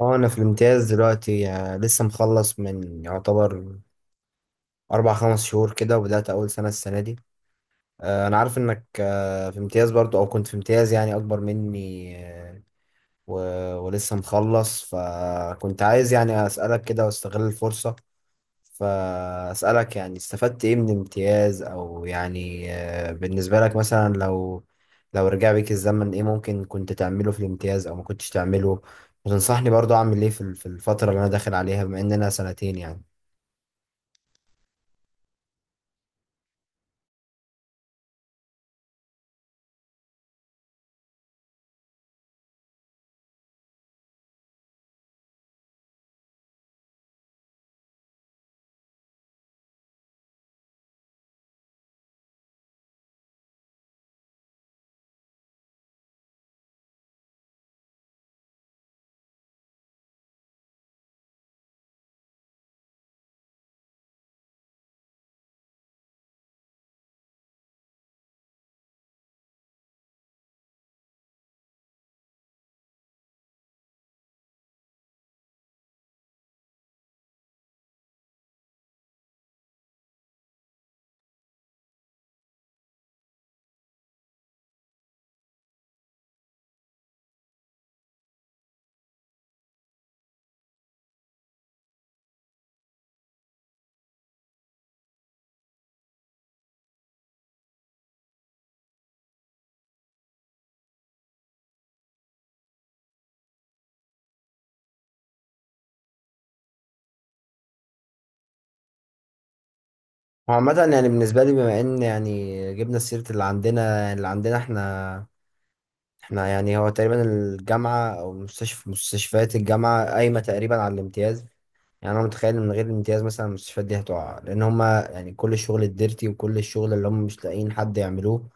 اه، انا في الامتياز دلوقتي، لسه مخلص من يعتبر 4 5 شهور كده، وبدأت اول سنة السنة دي. انا عارف انك في امتياز برضو، او كنت في امتياز يعني اكبر مني، ولسه مخلص. فكنت عايز يعني اسألك كده واستغل الفرصة، فأسألك يعني استفدت إيه من الامتياز، أو يعني بالنسبة لك، مثلا لو رجع بيك الزمن، إيه ممكن كنت تعمله في الامتياز أو ما كنتش تعمله، وتنصحني برضو أعمل إيه في في الفترة اللي أنا داخل عليها، بما إن أنا سنتين يعني. هو عامة يعني بالنسبة لي، بما إن يعني جبنا سيرة اللي عندنا إحنا يعني، هو تقريبا الجامعة أو مستشفيات الجامعة قايمة تقريبا على الامتياز. يعني انا متخيل إن من غير الامتياز، مثلا، المستشفيات دي هتقع، لان هما يعني كل الشغل الديرتي وكل الشغل اللي هم مش لاقيين حد يعملوه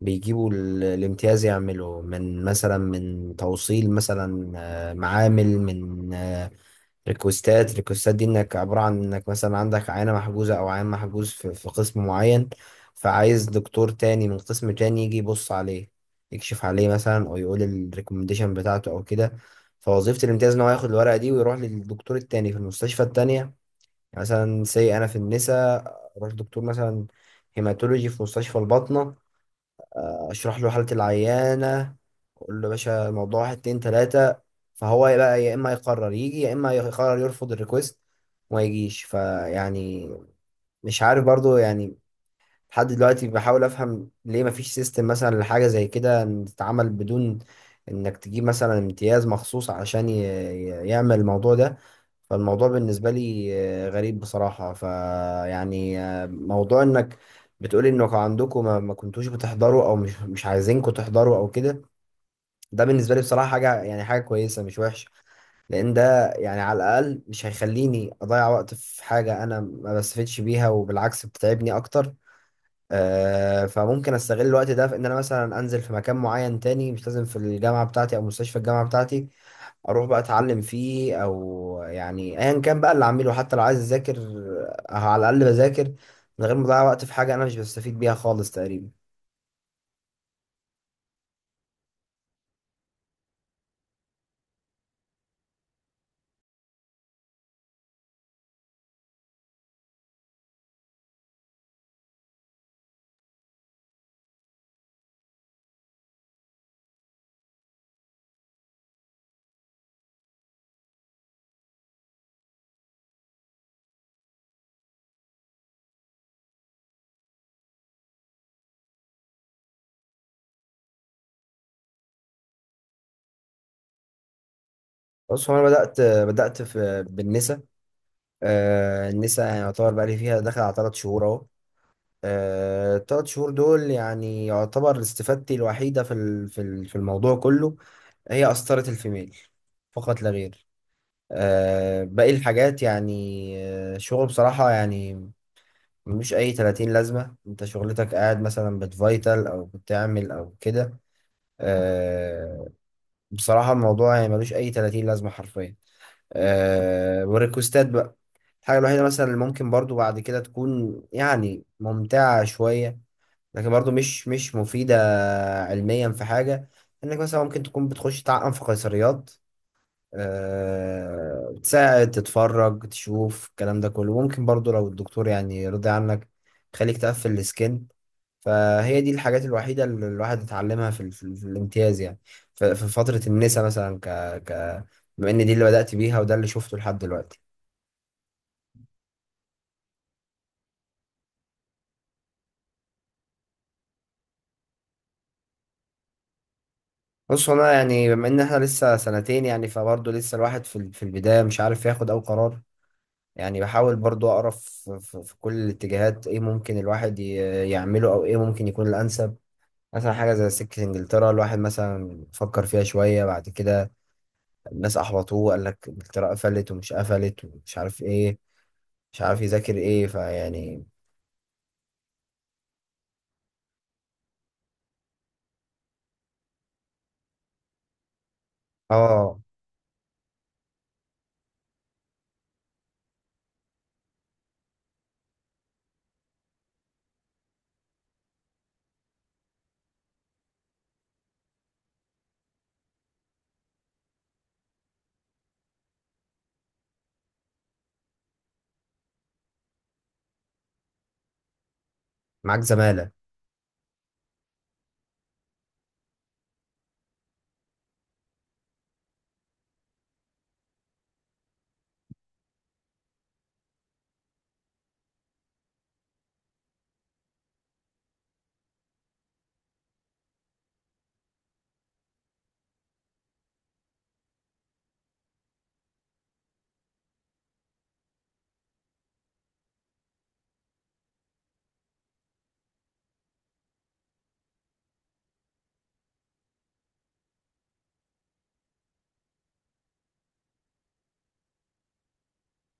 بيجيبوا الامتياز يعمله، من مثلا من توصيل مثلا معامل، من ريكوستات. ريكوستات دي انك عبارة عن انك مثلا عندك عينة محجوزة او عيان محجوز في قسم معين، فعايز دكتور تاني من قسم تاني يجي يبص عليه، يكشف عليه مثلا، او يقول الريكومنديشن بتاعته او كده. فوظيفة الامتياز ان هو ياخد الورقة دي ويروح للدكتور التاني في المستشفى التانية، مثلا سي انا في النساء، اروح دكتور مثلا هيماتولوجي في مستشفى الباطنة، اشرح له حالة العيانة، اقول له يا باشا الموضوع 1 2 3، فهو بقى يا اما يقرر يجي يا اما يقرر يرفض الريكوست وما يجيش. فيعني مش عارف برضو يعني، لحد دلوقتي بحاول افهم ليه مفيش سيستم مثلا لحاجة زي كده، إن تتعمل بدون انك تجيب مثلا امتياز مخصوص عشان يعمل الموضوع ده. فالموضوع بالنسبة لي غريب بصراحة، فيعني موضوع انك بتقولي انكم عندكم ما كنتوش بتحضروا، او مش عايزينكم تحضروا او كده، ده بالنسبة لي بصراحة حاجة، يعني حاجة كويسة مش وحشة، لان ده يعني على الاقل مش هيخليني اضيع وقت في حاجة انا ما بستفدش بيها وبالعكس بتتعبني اكتر. فممكن استغل الوقت ده في ان انا مثلا انزل في مكان معين تاني، مش لازم في الجامعة بتاعتي او مستشفى الجامعة بتاعتي، اروح بقى اتعلم فيه، او يعني ايا كان بقى اللي اعمله، حتى لو عايز اذاكر أه على الاقل بذاكر من غير ما اضيع وقت في حاجه انا مش بستفيد بيها خالص تقريبا. بص هو انا بدات في بالنسا، النسا يعني يعتبر بقى لي فيها داخل على 3 شهور اهو. التلات شهور دول يعني يعتبر استفادتي الوحيدة في الموضوع كله، هي قسطرة الفيميل فقط لا غير. باقي الحاجات يعني شغل بصراحة يعني، مش اي 30 لازمه، انت شغلتك قاعد مثلا بتفايتل او بتعمل او كده. أه بصراحه الموضوع يعني ملوش اي 30 لازمه حرفيا. أه والريكوستات بقى، الحاجه الوحيده مثلا اللي ممكن برضو بعد كده تكون يعني ممتعه شويه، لكن برضو مش مفيده علميا في حاجه، انك مثلا ممكن تكون بتخش تعقم في قيصريات، تساعد تتفرج تشوف الكلام ده كله، ممكن برضو لو الدكتور يعني رضي عنك خليك تقفل السكين. فهي دي الحاجات الوحيدة اللي الواحد اتعلمها في الامتياز يعني، في فترة النسا مثلا ك, ك بما ان دي اللي بدأت بيها وده اللي شفته لحد دلوقتي. بص انا يعني بما ان احنا لسه سنتين يعني فبرضه لسه الواحد في في البداية، مش عارف ياخد او قرار، يعني بحاول برضه اقرا في كل الاتجاهات ايه ممكن الواحد يعمله، او ايه ممكن يكون الانسب. مثلا حاجة زي سكة انجلترا الواحد مثلا فكر فيها شوية، بعد كده الناس احبطوه قال لك انجلترا قفلت ومش قفلت ومش عارف ايه، مش عارف يذاكر ايه فيعني. اه، معاك زمالة؟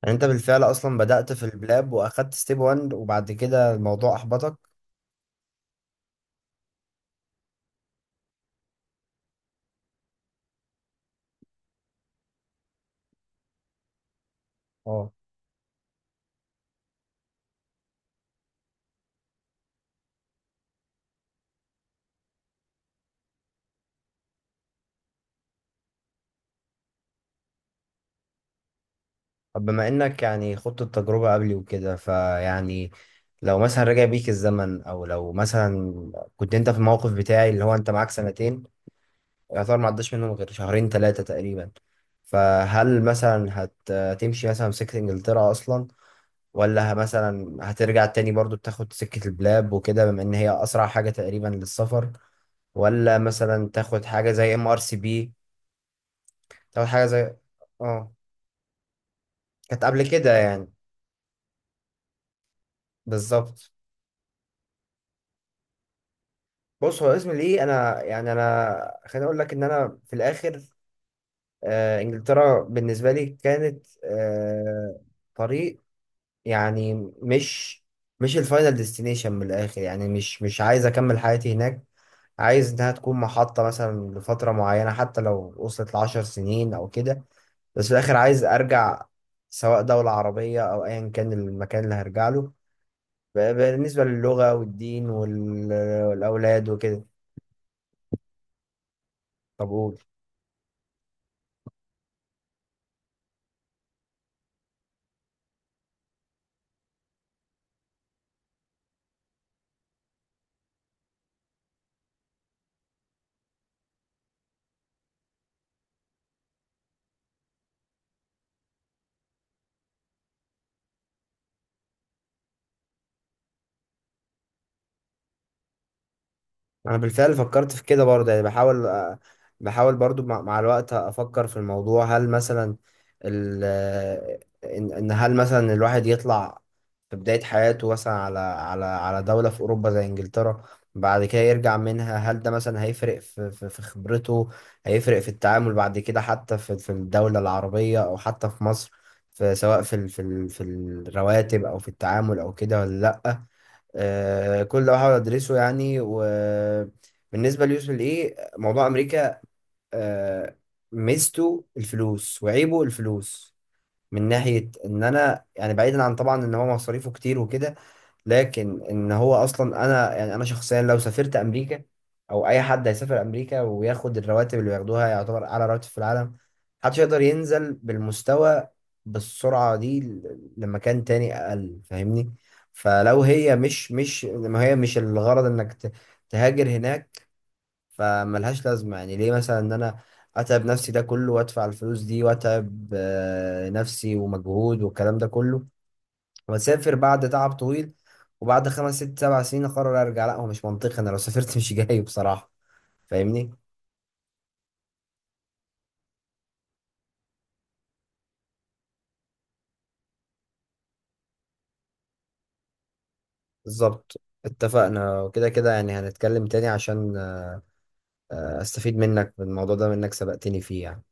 يعني انت بالفعل اصلا بدأت في البلاب واخدت ستيب 1 وبعد كده الموضوع احبطك، اه. طب بما انك يعني خضت التجربة قبلي وكده، فيعني لو مثلا رجع بيك الزمن او لو مثلا كنت انت في الموقف بتاعي، اللي هو انت معاك سنتين، يعتبر ما عداش منهم غير شهرين ثلاثة تقريبا، فهل مثلا هتمشي مثلا في سكة انجلترا اصلا؟ ولا مثلا هترجع تاني برضو تاخد سكة البلاد وكده، بما ان هي اسرع حاجة تقريبا للسفر؟ ولا مثلا تاخد حاجة زي ام ار سي بي، تاخد حاجة زي اه كانت قبل كده يعني، بالظبط. بص هو اسم ليه، انا يعني انا خليني اقول لك ان انا في الاخر انجلترا بالنسبة لي كانت طريق، يعني مش مش الفاينل ديستنيشن من الاخر، يعني مش عايز اكمل حياتي هناك، عايز انها تكون محطة مثلا لفترة معينة حتى لو وصلت لـ10 سنين او كده، بس في الاخر عايز ارجع، سواء دولة عربية او ايا كان المكان اللي هرجع له، بالنسبة للغة والدين والاولاد وكده. طب قول. انا بالفعل فكرت في كده برضه يعني، بحاول بحاول برضه مع الوقت افكر في الموضوع، هل مثلا ال آه، ان إن هل مثلا الواحد يطلع في بداية حياته مثلا على دولة في اوروبا زي انجلترا بعد كده يرجع منها، هل ده مثلا هيفرق في في خبرته، هيفرق في التعامل بعد كده، حتى في الدولة العربية او حتى في مصر، في سواء في في الرواتب او في التعامل او كده ولا لا. كل ده بحاول ادرسه يعني، وبالنسبه ليوسف الايه موضوع امريكا، آه، ميزته الفلوس وعيبه الفلوس، من ناحيه ان انا يعني بعيدا عن طبعا ان هو مصاريفه كتير وكده، لكن ان هو اصلا انا يعني انا شخصيا لو سافرت امريكا او اي حد هيسافر امريكا وياخد الرواتب اللي بياخدوها يعتبر اعلى راتب في العالم، محدش يقدر ينزل بالمستوى بالسرعة دي لمكان تاني اقل، فاهمني؟ فلو هي مش مش ما هي مش الغرض انك تهاجر هناك، فملهاش لازمة، يعني ليه مثلا ان انا اتعب نفسي ده كله وادفع الفلوس دي واتعب نفسي ومجهود والكلام ده كله، واسافر بعد تعب طويل، وبعد 5 6 7 سنين اقرر ارجع؟ لا، هو مش منطقي، انا لو سافرت مش جاي بصراحة، فاهمني؟ بالظبط، اتفقنا. وكده كده يعني هنتكلم تاني عشان استفيد منك بالموضوع ده، منك سبقتني فيه يعني.